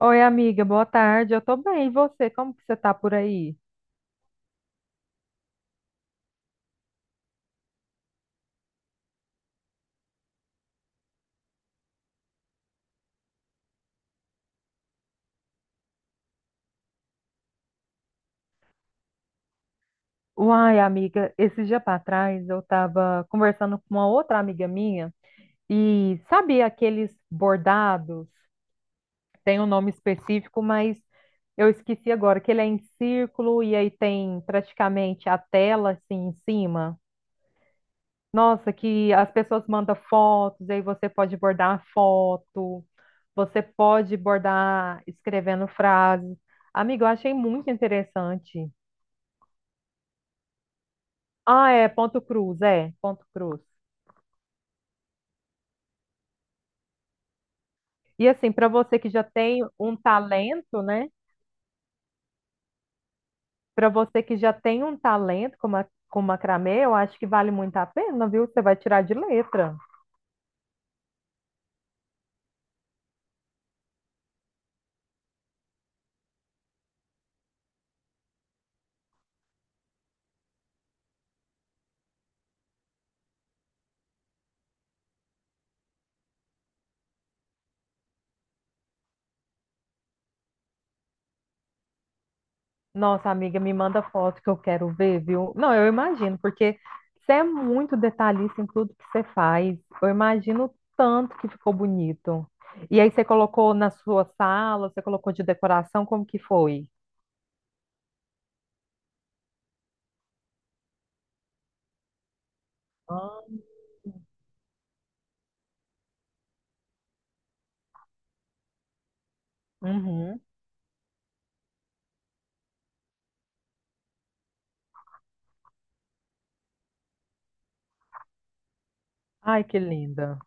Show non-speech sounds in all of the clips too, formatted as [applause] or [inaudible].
Oi, amiga, boa tarde. Eu tô bem. E você? Como que você tá por aí? Uai, amiga, esse dia para trás eu tava conversando com uma outra amiga minha e sabe aqueles bordados? Tem um nome específico, mas eu esqueci agora que ele é em círculo e aí tem praticamente a tela assim em cima. Nossa, que as pessoas mandam fotos, aí você pode bordar a foto, você pode bordar escrevendo frases. Amiga, eu achei muito interessante. Ah, é, ponto cruz, é, ponto cruz. E assim, para você que já tem um talento, né? Para você que já tem um talento como ma com macramê, eu acho que vale muito a pena, viu? Você vai tirar de letra. Nossa, amiga, me manda foto que eu quero ver, viu? Não, eu imagino, porque você é muito detalhista em tudo que você faz. Eu imagino o tanto que ficou bonito. E aí você colocou na sua sala, você colocou de decoração, como que foi? Ah. Uhum. Ai, que linda.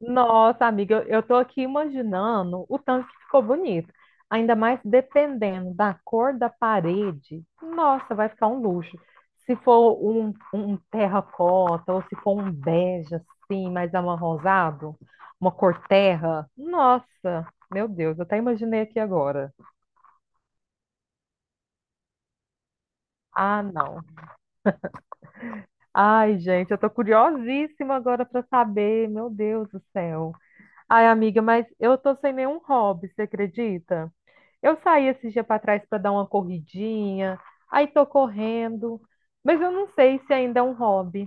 Nossa, amiga, eu tô aqui imaginando o tanto que ficou bonito. Ainda mais dependendo da cor da parede. Nossa, vai ficar um luxo. Se for um terracota ou se for um bege assim, mais amarronzado, uma cor terra. Nossa, meu Deus, eu até imaginei aqui agora. Ah, não. Ai, gente, eu tô curiosíssima agora para saber. Meu Deus do céu. Ai, amiga, mas eu tô sem nenhum hobby, você acredita? Eu saí esse dia para trás para dar uma corridinha, aí tô correndo, mas eu não sei se ainda é um hobby.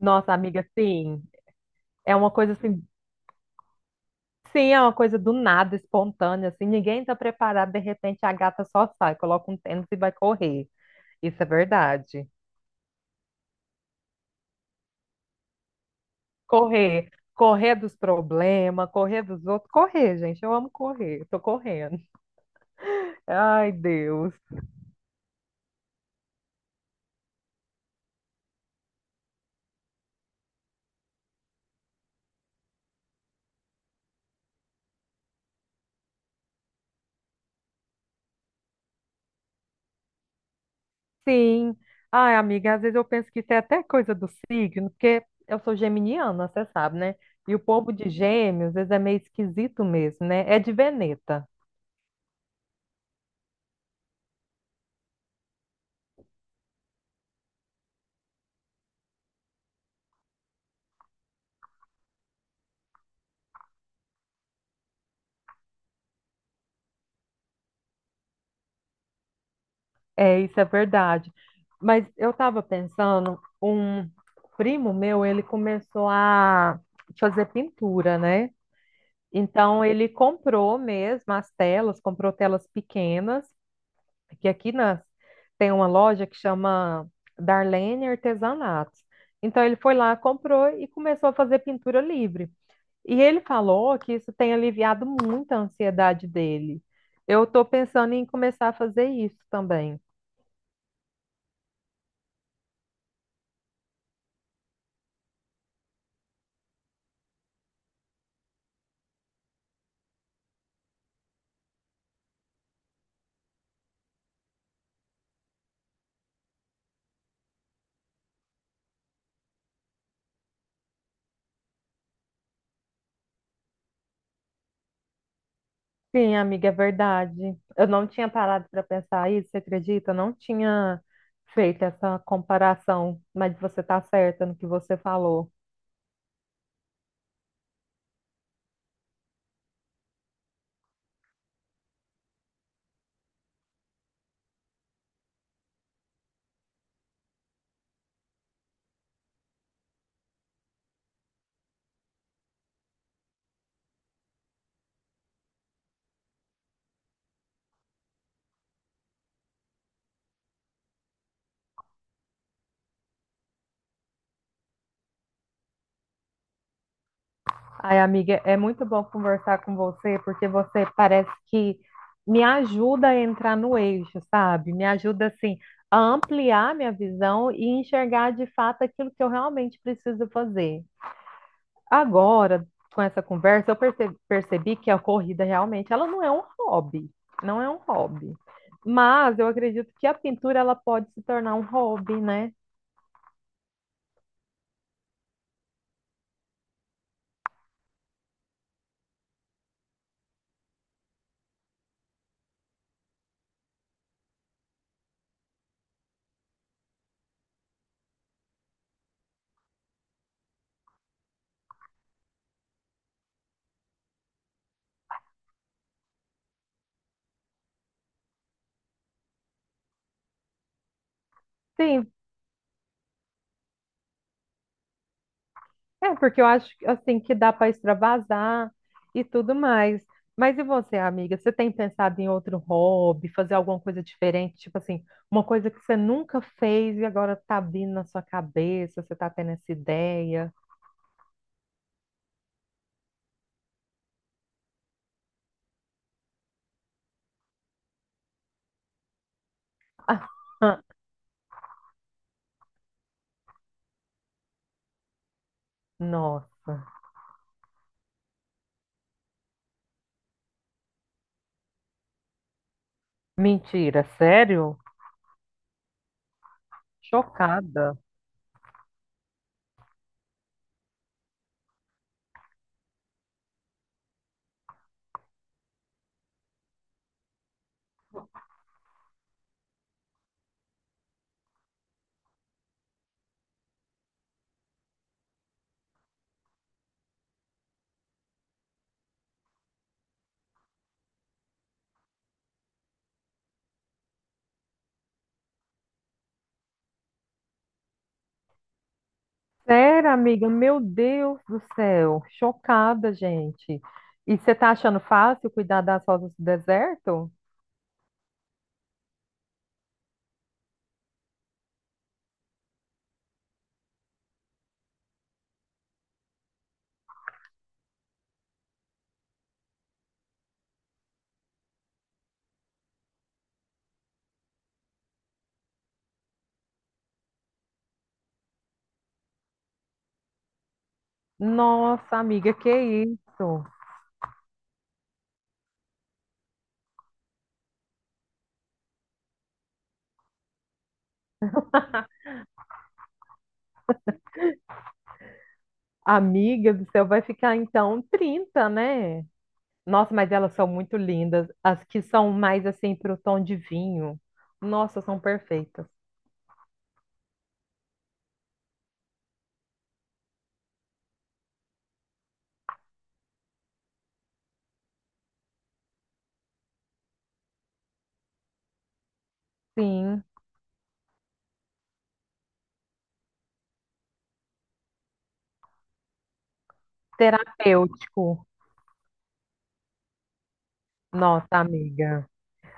Nossa, amiga, sim, é uma coisa assim, sim, é uma coisa do nada, espontânea, assim, ninguém tá preparado, de repente a gata só sai, coloca um tênis e vai correr. Isso é verdade. Correr, correr dos problemas, correr dos outros, correr, gente, eu amo correr, tô correndo. Ai, Deus. Sim. Ai, amiga, às vezes eu penso que isso é até coisa do signo, porque eu sou geminiana, você sabe, né? E o povo de gêmeos, às vezes, é meio esquisito mesmo, né? É de Veneta. É, isso é verdade. Mas eu estava pensando, um primo meu, ele começou a fazer pintura, né? Então ele comprou mesmo as telas, comprou telas pequenas, que tem uma loja que chama Darlene Artesanatos. Então ele foi lá, comprou e começou a fazer pintura livre. E ele falou que isso tem aliviado muito a ansiedade dele. Eu estou pensando em começar a fazer isso também. Sim, amiga, é verdade. Eu não tinha parado para pensar isso, você acredita? Eu não tinha feito essa comparação, mas você está certa no que você falou. Ai, amiga, é muito bom conversar com você, porque você parece que me ajuda a entrar no eixo, sabe? Me ajuda, assim, a ampliar minha visão e enxergar de fato aquilo que eu realmente preciso fazer. Agora, com essa conversa, eu percebi que a corrida realmente, ela não é um hobby, não é um hobby. Mas eu acredito que a pintura, ela pode se tornar um hobby, né? Sim. É, porque eu acho assim que dá para extravasar e tudo mais. Mas e você, amiga? Você tem pensado em outro hobby, fazer alguma coisa diferente? Tipo assim, uma coisa que você nunca fez e agora tá vindo na sua cabeça, você tá tendo essa ideia. [laughs] Nossa, mentira, sério? Chocada. Sério, amiga? Meu Deus do céu, chocada, gente. E você tá achando fácil cuidar das rosas do deserto? Nossa, amiga, que isso? Amiga do céu, vai ficar então 30, né? Nossa, mas elas são muito lindas. As que são mais assim pro tom de vinho. Nossa, são perfeitas. Sim, terapêutico. Nossa, amiga.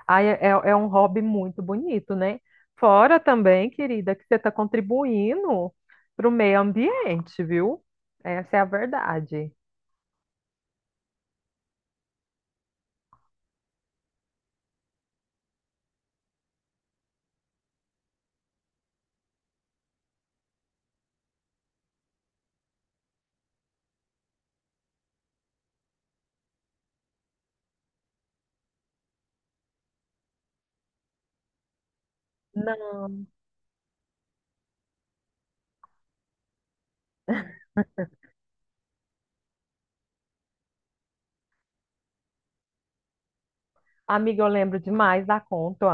Ai, é, é um hobby muito bonito, né? Fora também, querida, que você está contribuindo pro meio ambiente, viu? Essa é a verdade. Não, amiga, eu lembro demais da conta.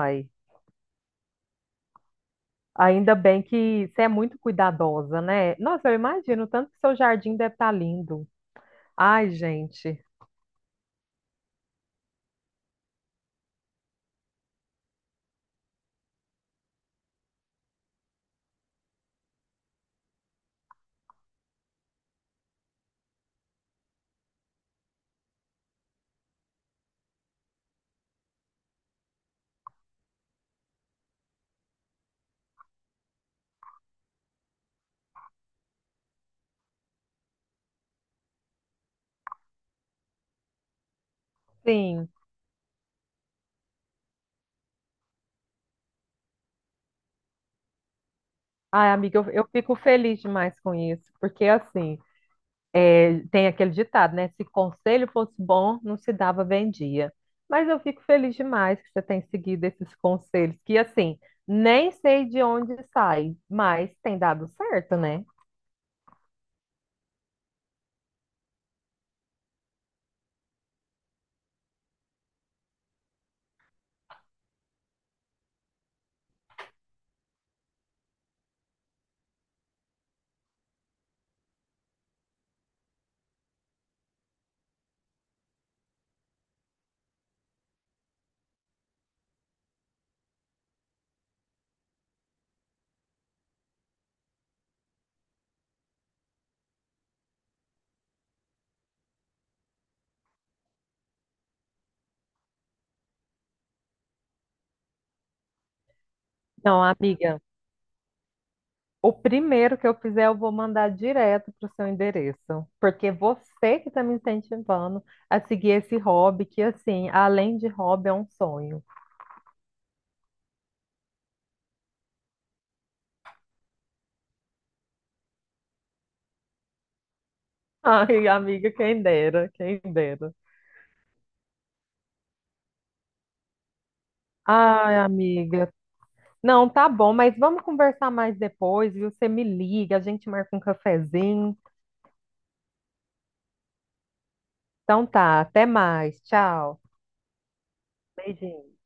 Ainda bem que você é muito cuidadosa, né? Nossa, eu imagino o tanto que seu jardim deve estar lindo. Ai, gente, sim. Ai, amiga, eu fico feliz demais com isso, porque assim, é, tem aquele ditado, né? Se conselho fosse bom, não se dava vendia. Mas eu fico feliz demais que você tem seguido esses conselhos, que assim, nem sei de onde sai, mas tem dado certo, né? Não, amiga. O primeiro que eu fizer, eu vou mandar direto para o seu endereço, porque você que está me incentivando a seguir esse hobby, que assim, além de hobby, é um sonho. [laughs] Ai, amiga, quem dera, quem dera. Ai, amiga. Não, tá bom, mas vamos conversar mais depois, viu? Você me liga, a gente marca um cafezinho. Então tá, até mais. Tchau. Beijinho.